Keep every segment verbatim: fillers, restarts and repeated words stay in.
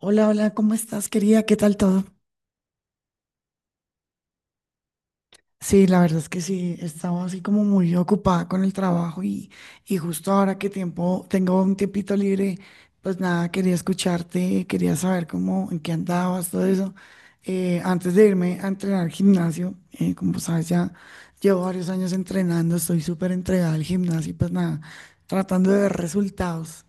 Hola, hola, ¿cómo estás, querida? ¿Qué tal todo? Sí, la verdad es que sí, estaba así como muy ocupada con el trabajo y, y justo ahora que tiempo, tengo un tiempito libre, pues nada, quería escucharte, quería saber cómo, en qué andabas, todo eso. Eh, antes de irme a entrenar al gimnasio, eh, como sabes, ya llevo varios años entrenando, estoy súper entregada al gimnasio y pues nada, tratando de ver resultados.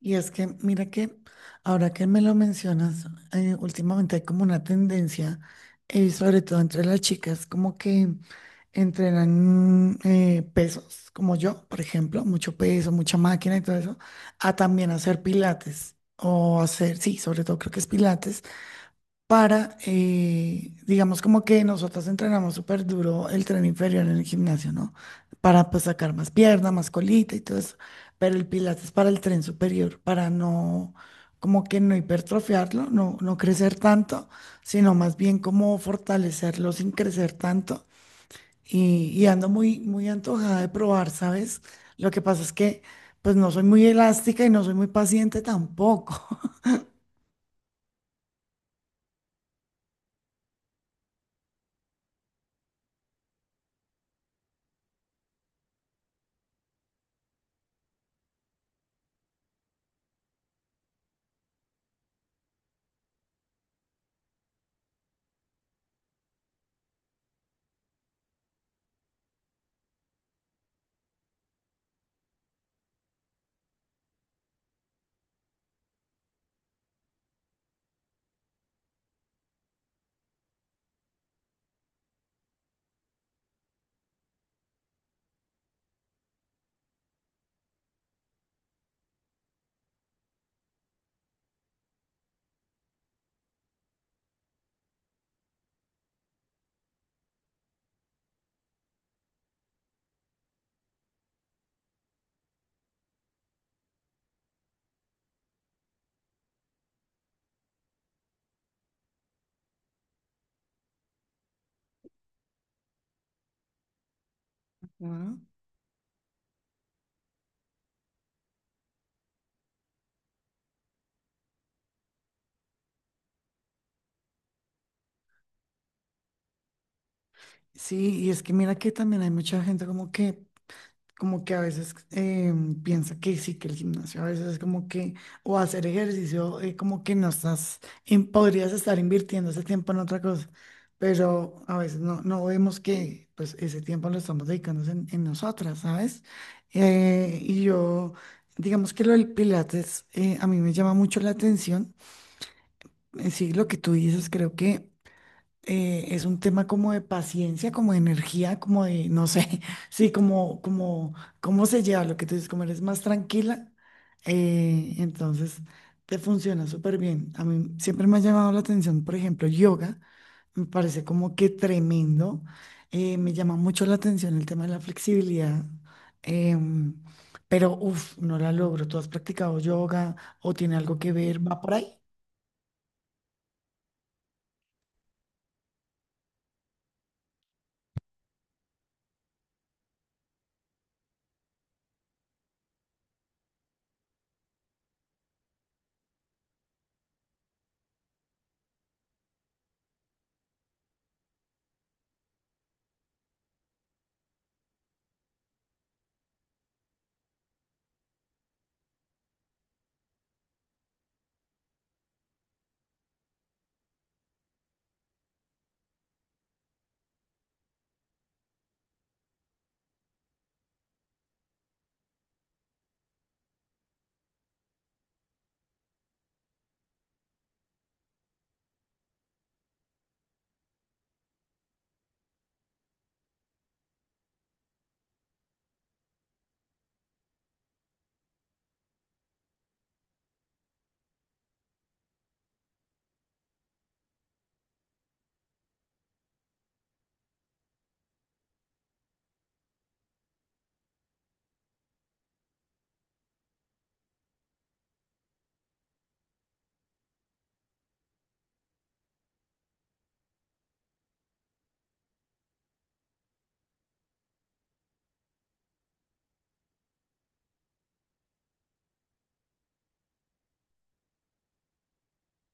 Y es que, mira que ahora que me lo mencionas, eh, últimamente hay como una tendencia, eh, sobre todo entre las chicas, como que entrenan eh, pesos, como yo, por ejemplo, mucho peso, mucha máquina y todo eso, a también hacer pilates o hacer, sí, sobre todo creo que es pilates para, eh, digamos como que nosotras entrenamos súper duro el tren inferior en el gimnasio, ¿no? Para pues sacar más pierna, más colita y todo eso, pero el pilates es para el tren superior, para no, como que no hipertrofiarlo, no, no crecer tanto, sino más bien como fortalecerlo sin crecer tanto. Y, y ando muy, muy antojada de probar, ¿sabes? Lo que pasa es que pues no soy muy elástica y no soy muy paciente tampoco. Sí, y es que mira que también hay mucha gente como que, como que a veces eh, piensa que sí, que el gimnasio a veces es como que, o hacer ejercicio, eh, como que no estás, in- podrías estar invirtiendo ese tiempo en otra cosa, pero a veces no, no vemos que pues ese tiempo lo estamos dedicando en, en nosotras, ¿sabes? Eh, y yo, digamos que lo del Pilates eh, a mí me llama mucho la atención. Eh, Sí, lo que tú dices, creo que eh, es un tema como de paciencia, como de energía, como de, no sé, sí, como, como, cómo se lleva lo que tú dices, como eres más tranquila, eh, entonces te funciona súper bien. A mí siempre me ha llamado la atención, por ejemplo, yoga, me parece como que tremendo, eh, me llama mucho la atención el tema de la flexibilidad, em, pero uff, no la logro. ¿Tú has practicado yoga o tiene algo que ver? ¿Va por ahí?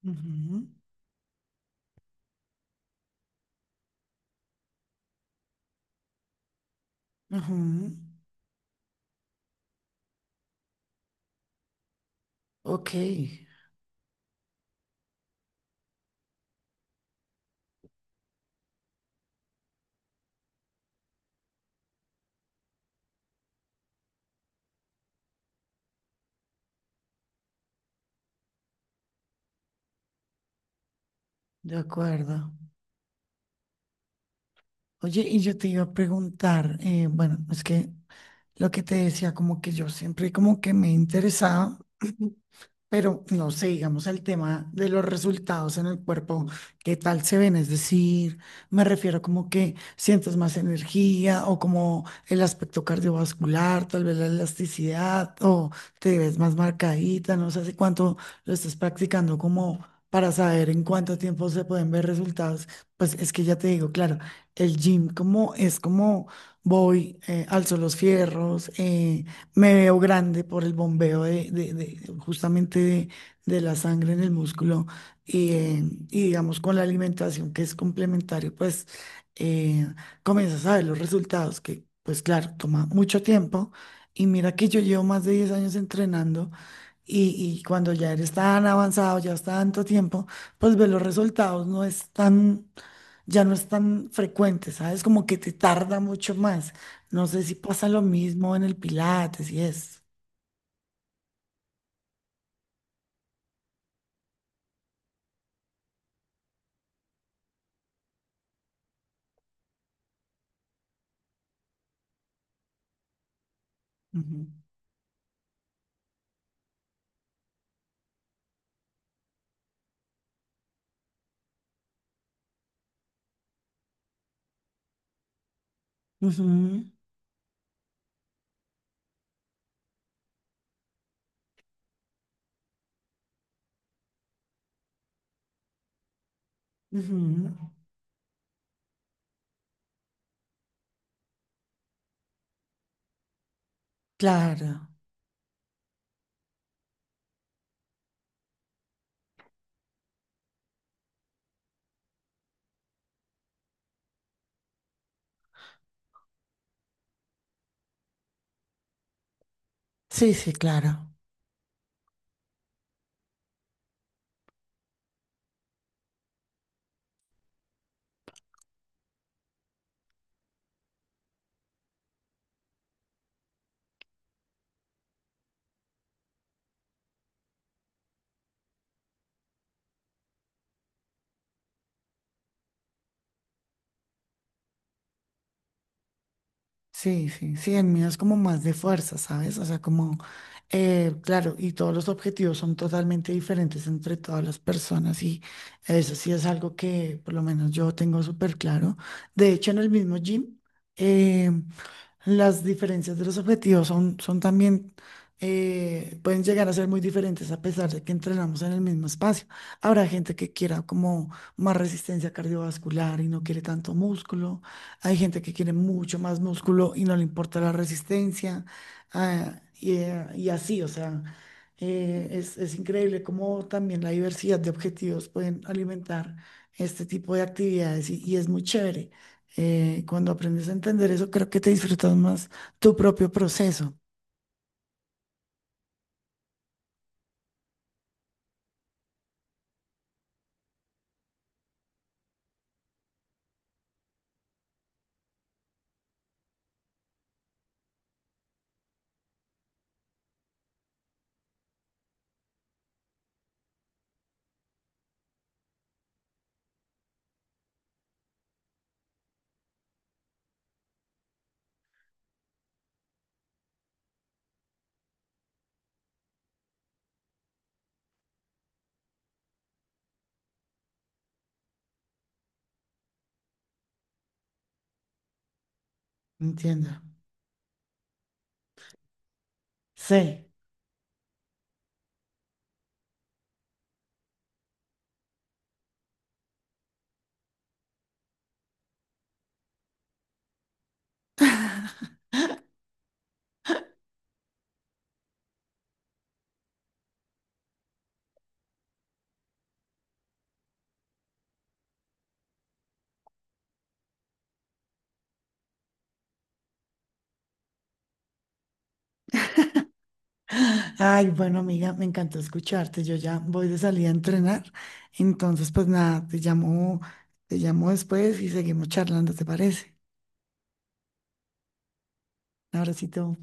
Ujú, ujú, ok. De acuerdo. Oye, y yo te iba a preguntar, eh, bueno, es que lo que te decía, como que yo siempre como que me interesaba. Pero no sé, digamos el tema de los resultados en el cuerpo, ¿qué tal se ven? Es decir, me refiero como que sientes más energía o como el aspecto cardiovascular, tal vez la elasticidad o te ves más marcadita, no sé hace cuánto lo estás practicando como para saber en cuánto tiempo se pueden ver resultados. Pues es que ya te digo, claro, el gym como es como voy, eh, alzo los fierros, eh, me veo grande por el bombeo de, de- de- justamente de, de la sangre en el músculo y, eh, y digamos con la alimentación que es complementario, pues eh, comienzas a ver los resultados que pues claro, toma mucho tiempo y mira que yo llevo más de diez años entrenando y, y cuando ya eres tan avanzado, ya está tanto tiempo, pues ver los resultados no es tan, ya no es tan frecuente, ¿sabes? Como que te tarda mucho más. No sé si pasa lo mismo en el Pilates y eso. Ujú, ujú, ujú. Claro. Sí, sí, claro. Sí, sí, sí. El mío es como más de fuerza, ¿sabes? O sea, como, eh, claro, y todos los objetivos son totalmente diferentes entre todas las personas y eso sí es algo que por lo menos yo tengo súper claro. De hecho, en el mismo gym. eh, Las diferencias de los objetivos son, son también, eh, pueden llegar a ser muy diferentes a pesar de que entrenamos en el mismo espacio. Habrá gente que quiera como más resistencia cardiovascular y no quiere tanto músculo. Hay gente que quiere mucho más músculo y no le importa la resistencia. ah, y, eh, y así, o sea, eh, es, es increíble cómo también la diversidad de objetivos pueden alimentar este tipo de actividades y y es muy chévere. Eh, cuando aprendes a entender eso, creo que te disfrutas más tu propio proceso. Entiendo. Sí. Ay, bueno, amiga, me encantó escucharte. Yo ya voy de salida a entrenar. Entonces, pues nada, te llamo, te llamo después y seguimos charlando, ¿te parece? Un abracito.